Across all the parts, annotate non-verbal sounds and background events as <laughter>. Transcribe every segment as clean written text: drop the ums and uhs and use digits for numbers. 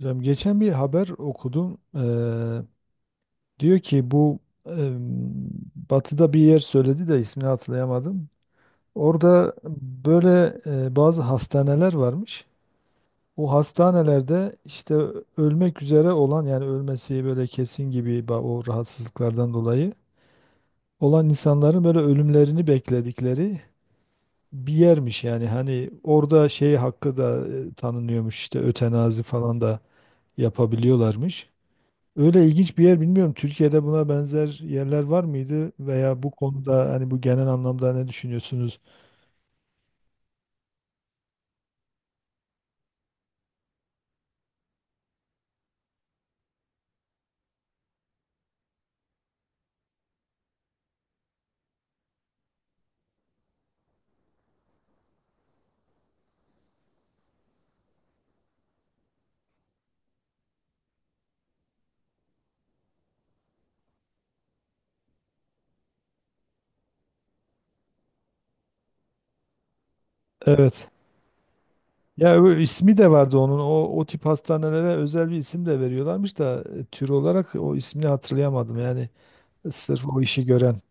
Hocam geçen bir haber okudum. Diyor ki bu eee, Batı'da bir yer söyledi de ismini hatırlayamadım. Orada böyle bazı hastaneler varmış. O hastanelerde işte ölmek üzere olan, yani ölmesi böyle kesin gibi o rahatsızlıklardan dolayı olan insanların böyle ölümlerini bekledikleri bir yermiş. Yani hani orada şey hakkı da tanınıyormuş, işte ötenazi falan da yapabiliyorlarmış. Öyle ilginç bir yer, bilmiyorum. Türkiye'de buna benzer yerler var mıydı, veya bu konuda hani bu genel anlamda ne düşünüyorsunuz? Evet. Ya o ismi de vardı onun. O tip hastanelere özel bir isim de veriyorlarmış da tür olarak o ismini hatırlayamadım. Yani sırf o işi gören.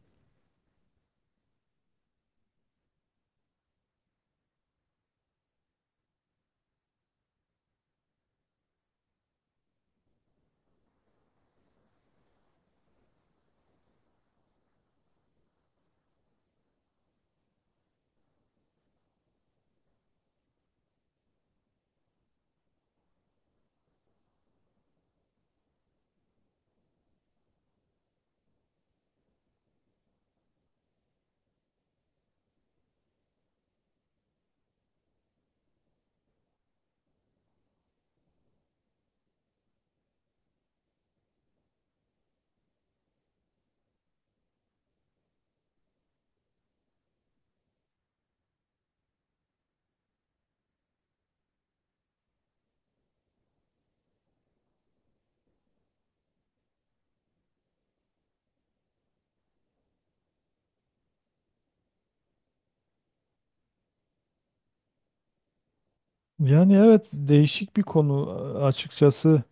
Yani evet, değişik bir konu açıkçası.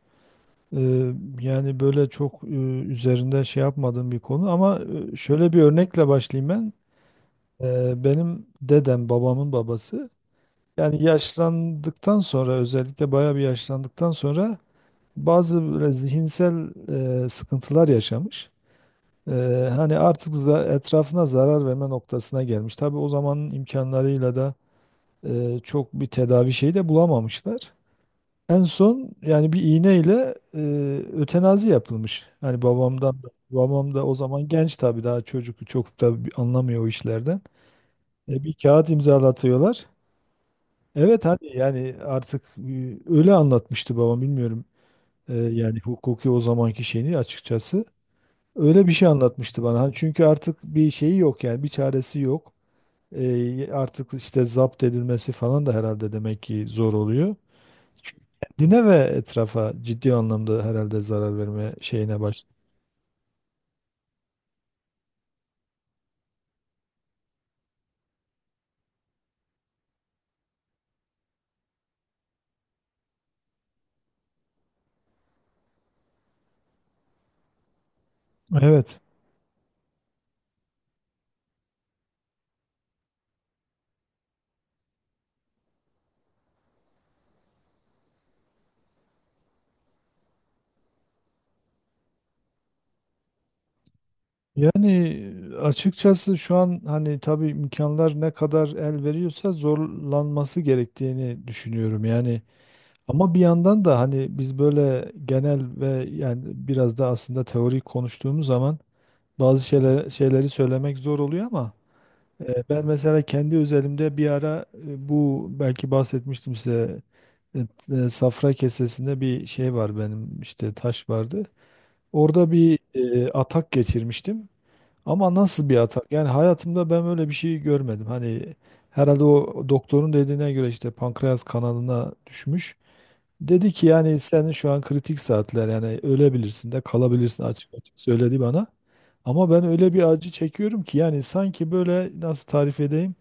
Ee, Yani böyle çok üzerinde şey yapmadığım bir konu ama şöyle bir örnekle başlayayım ben. Benim dedem, babamın babası, yani yaşlandıktan sonra, özellikle bayağı bir yaşlandıktan sonra, bazı böyle zihinsel sıkıntılar yaşamış. E, Hani artık etrafına zarar verme noktasına gelmiş. Tabii o zamanın imkanlarıyla da çok bir tedavi şeyi de bulamamışlar. En son yani bir iğneyle ötenazi yapılmış. Hani babamdan da, babam da o zaman genç tabii, daha çocuk, çok da anlamıyor o işlerden. Bir kağıt imzalatıyorlar. Evet, hani yani artık, öyle anlatmıştı babam, bilmiyorum yani hukuki o zamanki şeyini açıkçası. Öyle bir şey anlatmıştı bana. Hani çünkü artık bir şeyi yok, yani bir çaresi yok. Artık işte zapt edilmesi falan da herhalde demek ki zor oluyor. Çünkü kendine ve etrafa ciddi anlamda herhalde zarar verme şeyine başladı. Evet. Yani açıkçası şu an hani tabii imkanlar ne kadar el veriyorsa zorlanması gerektiğini düşünüyorum. Yani, ama bir yandan da hani biz böyle genel ve yani biraz da aslında teorik konuştuğumuz zaman bazı şeyler, şeyleri söylemek zor oluyor ama ben mesela kendi özelimde bir ara, bu belki bahsetmiştim size, e, safra kesesinde bir şey var benim, işte taş vardı. Orada bir atak geçirmiştim. Ama nasıl bir atak? Yani hayatımda ben öyle bir şey görmedim. Hani herhalde o doktorun dediğine göre işte pankreas kanalına düşmüş. Dedi ki yani senin şu an kritik saatler, yani ölebilirsin de kalabilirsin, açık açık söyledi bana. Ama ben öyle bir acı çekiyorum ki, yani sanki böyle, nasıl tarif edeyim,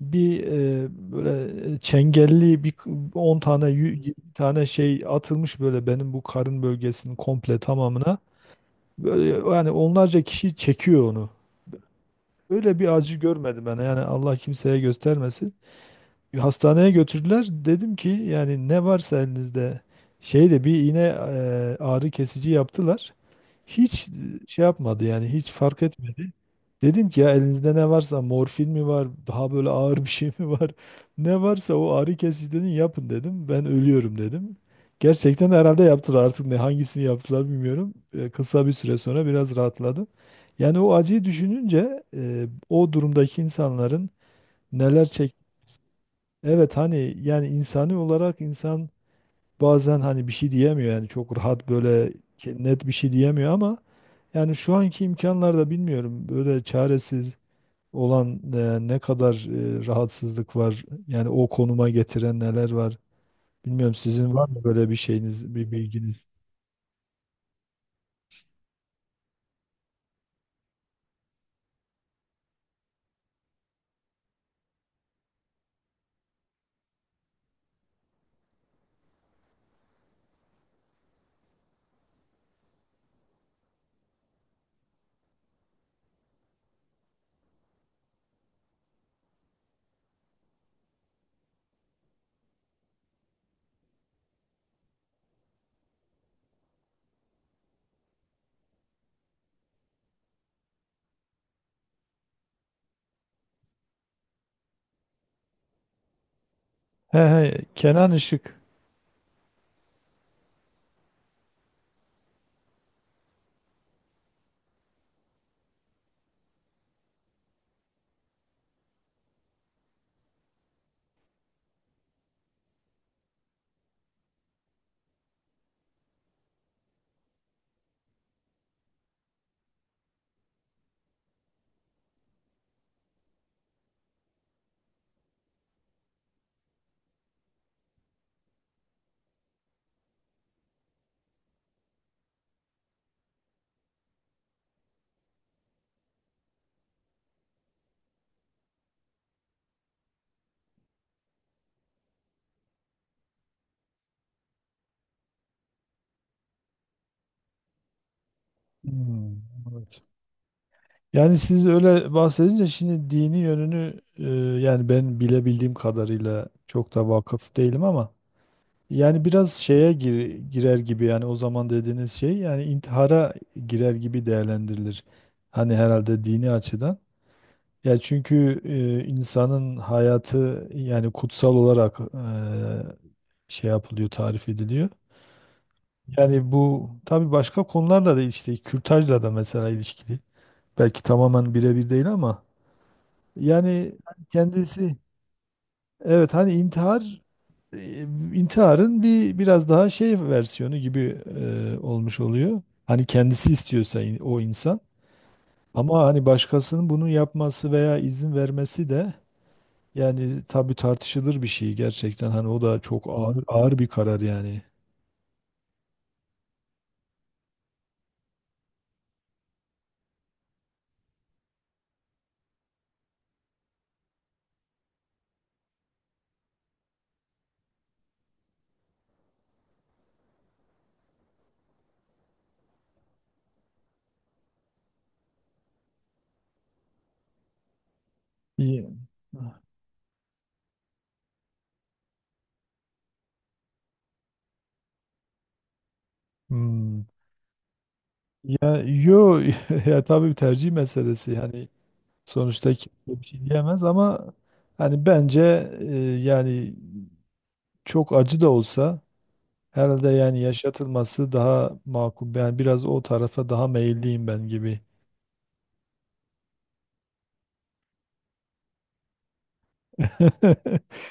bir böyle çengelli bir 10 tane 20 tane şey atılmış böyle benim bu karın bölgesinin komple tamamına. Böyle, yani onlarca kişi çekiyor onu. Öyle bir acı görmedim ben, yani Allah kimseye göstermesin. Hastaneye götürdüler. Dedim ki yani ne varsa elinizde. Şeyle bir iğne, ağrı kesici yaptılar. Hiç şey yapmadı, yani hiç fark etmedi. Dedim ki ya elinizde ne varsa, morfin mi var, daha böyle ağır bir şey mi var, <laughs> ne varsa o ağrı kesiciden yapın dedim, ben ölüyorum dedim. Gerçekten herhalde yaptılar, artık ne hangisini yaptılar bilmiyorum. Kısa bir süre sonra biraz rahatladım. Yani o acıyı düşününce o durumdaki insanların neler çektiğini... Evet, hani yani insani olarak insan bazen hani bir şey diyemiyor, yani çok rahat böyle net bir şey diyemiyor ama yani şu anki imkanlarda bilmiyorum, böyle çaresiz olan, ne kadar rahatsızlık var, yani o konuma getiren neler var bilmiyorum, sizin var mı böyle bir şeyiniz, bir bilginiz? He he, Kenan Işık. Hmm, evet. Yani siz öyle bahsedince, şimdi dini yönünü, yani ben bilebildiğim kadarıyla çok da vakıf değilim ama yani biraz şeye girer gibi, yani o zaman dediğiniz şey yani intihara girer gibi değerlendirilir. Hani herhalde dini açıdan. Ya çünkü insanın hayatı yani kutsal olarak şey yapılıyor, tarif ediliyor. Yani bu tabii başka konularla da, işte kürtajla da mesela ilişkili. Belki tamamen birebir değil ama yani kendisi, evet, hani intihar, e, intiharın bir biraz daha şey versiyonu gibi olmuş oluyor. Hani kendisi istiyorsa, o insan. Ama hani başkasının bunu yapması veya izin vermesi de, yani tabii tartışılır bir şey gerçekten. Hani o da çok ağır, ağır bir karar yani. İyi. Hmm. Ya yo, <laughs> ya tabii bir tercih meselesi. Yani sonuçta kimse bir şey diyemez ama hani bence e, yani çok acı da olsa herhalde yani yaşatılması daha makul. Yani biraz o tarafa daha meyilliyim ben gibi. <laughs>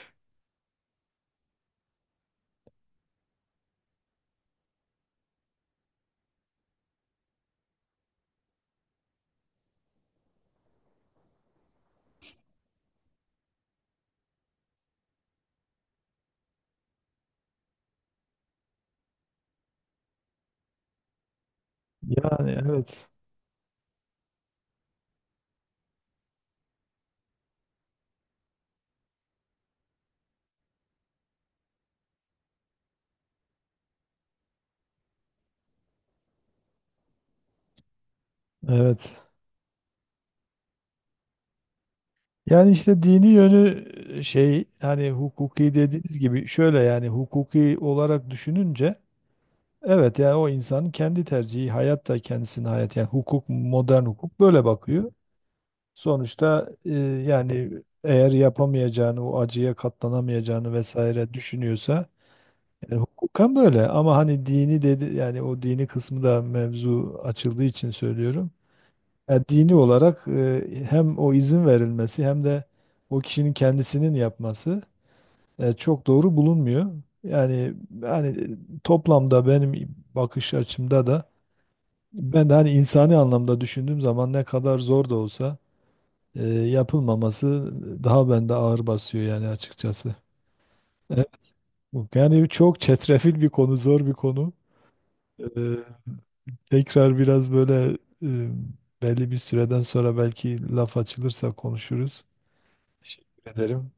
Yani evet. Evet. Yani işte dini yönü şey, hani hukuki dediğiniz gibi, şöyle yani hukuki olarak düşününce, evet yani o insanın kendi tercihi, hayat da kendisinin, hayat, yani hukuk, modern hukuk böyle bakıyor. Sonuçta yani eğer yapamayacağını, o acıya katlanamayacağını vesaire düşünüyorsa... Yani hukuken böyle, ama hani dini dedi, yani o dini kısmı da mevzu açıldığı için söylüyorum. Yani dini olarak hem o izin verilmesi, hem de o kişinin kendisinin yapması çok doğru bulunmuyor. Yani yani toplamda benim bakış açımda da, ben de hani insani anlamda düşündüğüm zaman, ne kadar zor da olsa yapılmaması daha bende ağır basıyor yani, açıkçası. <laughs> Evet, yani çok çetrefil bir konu, zor bir konu. E, Tekrar biraz böyle e, belli bir süreden sonra belki laf açılırsa konuşuruz. Teşekkür ederim.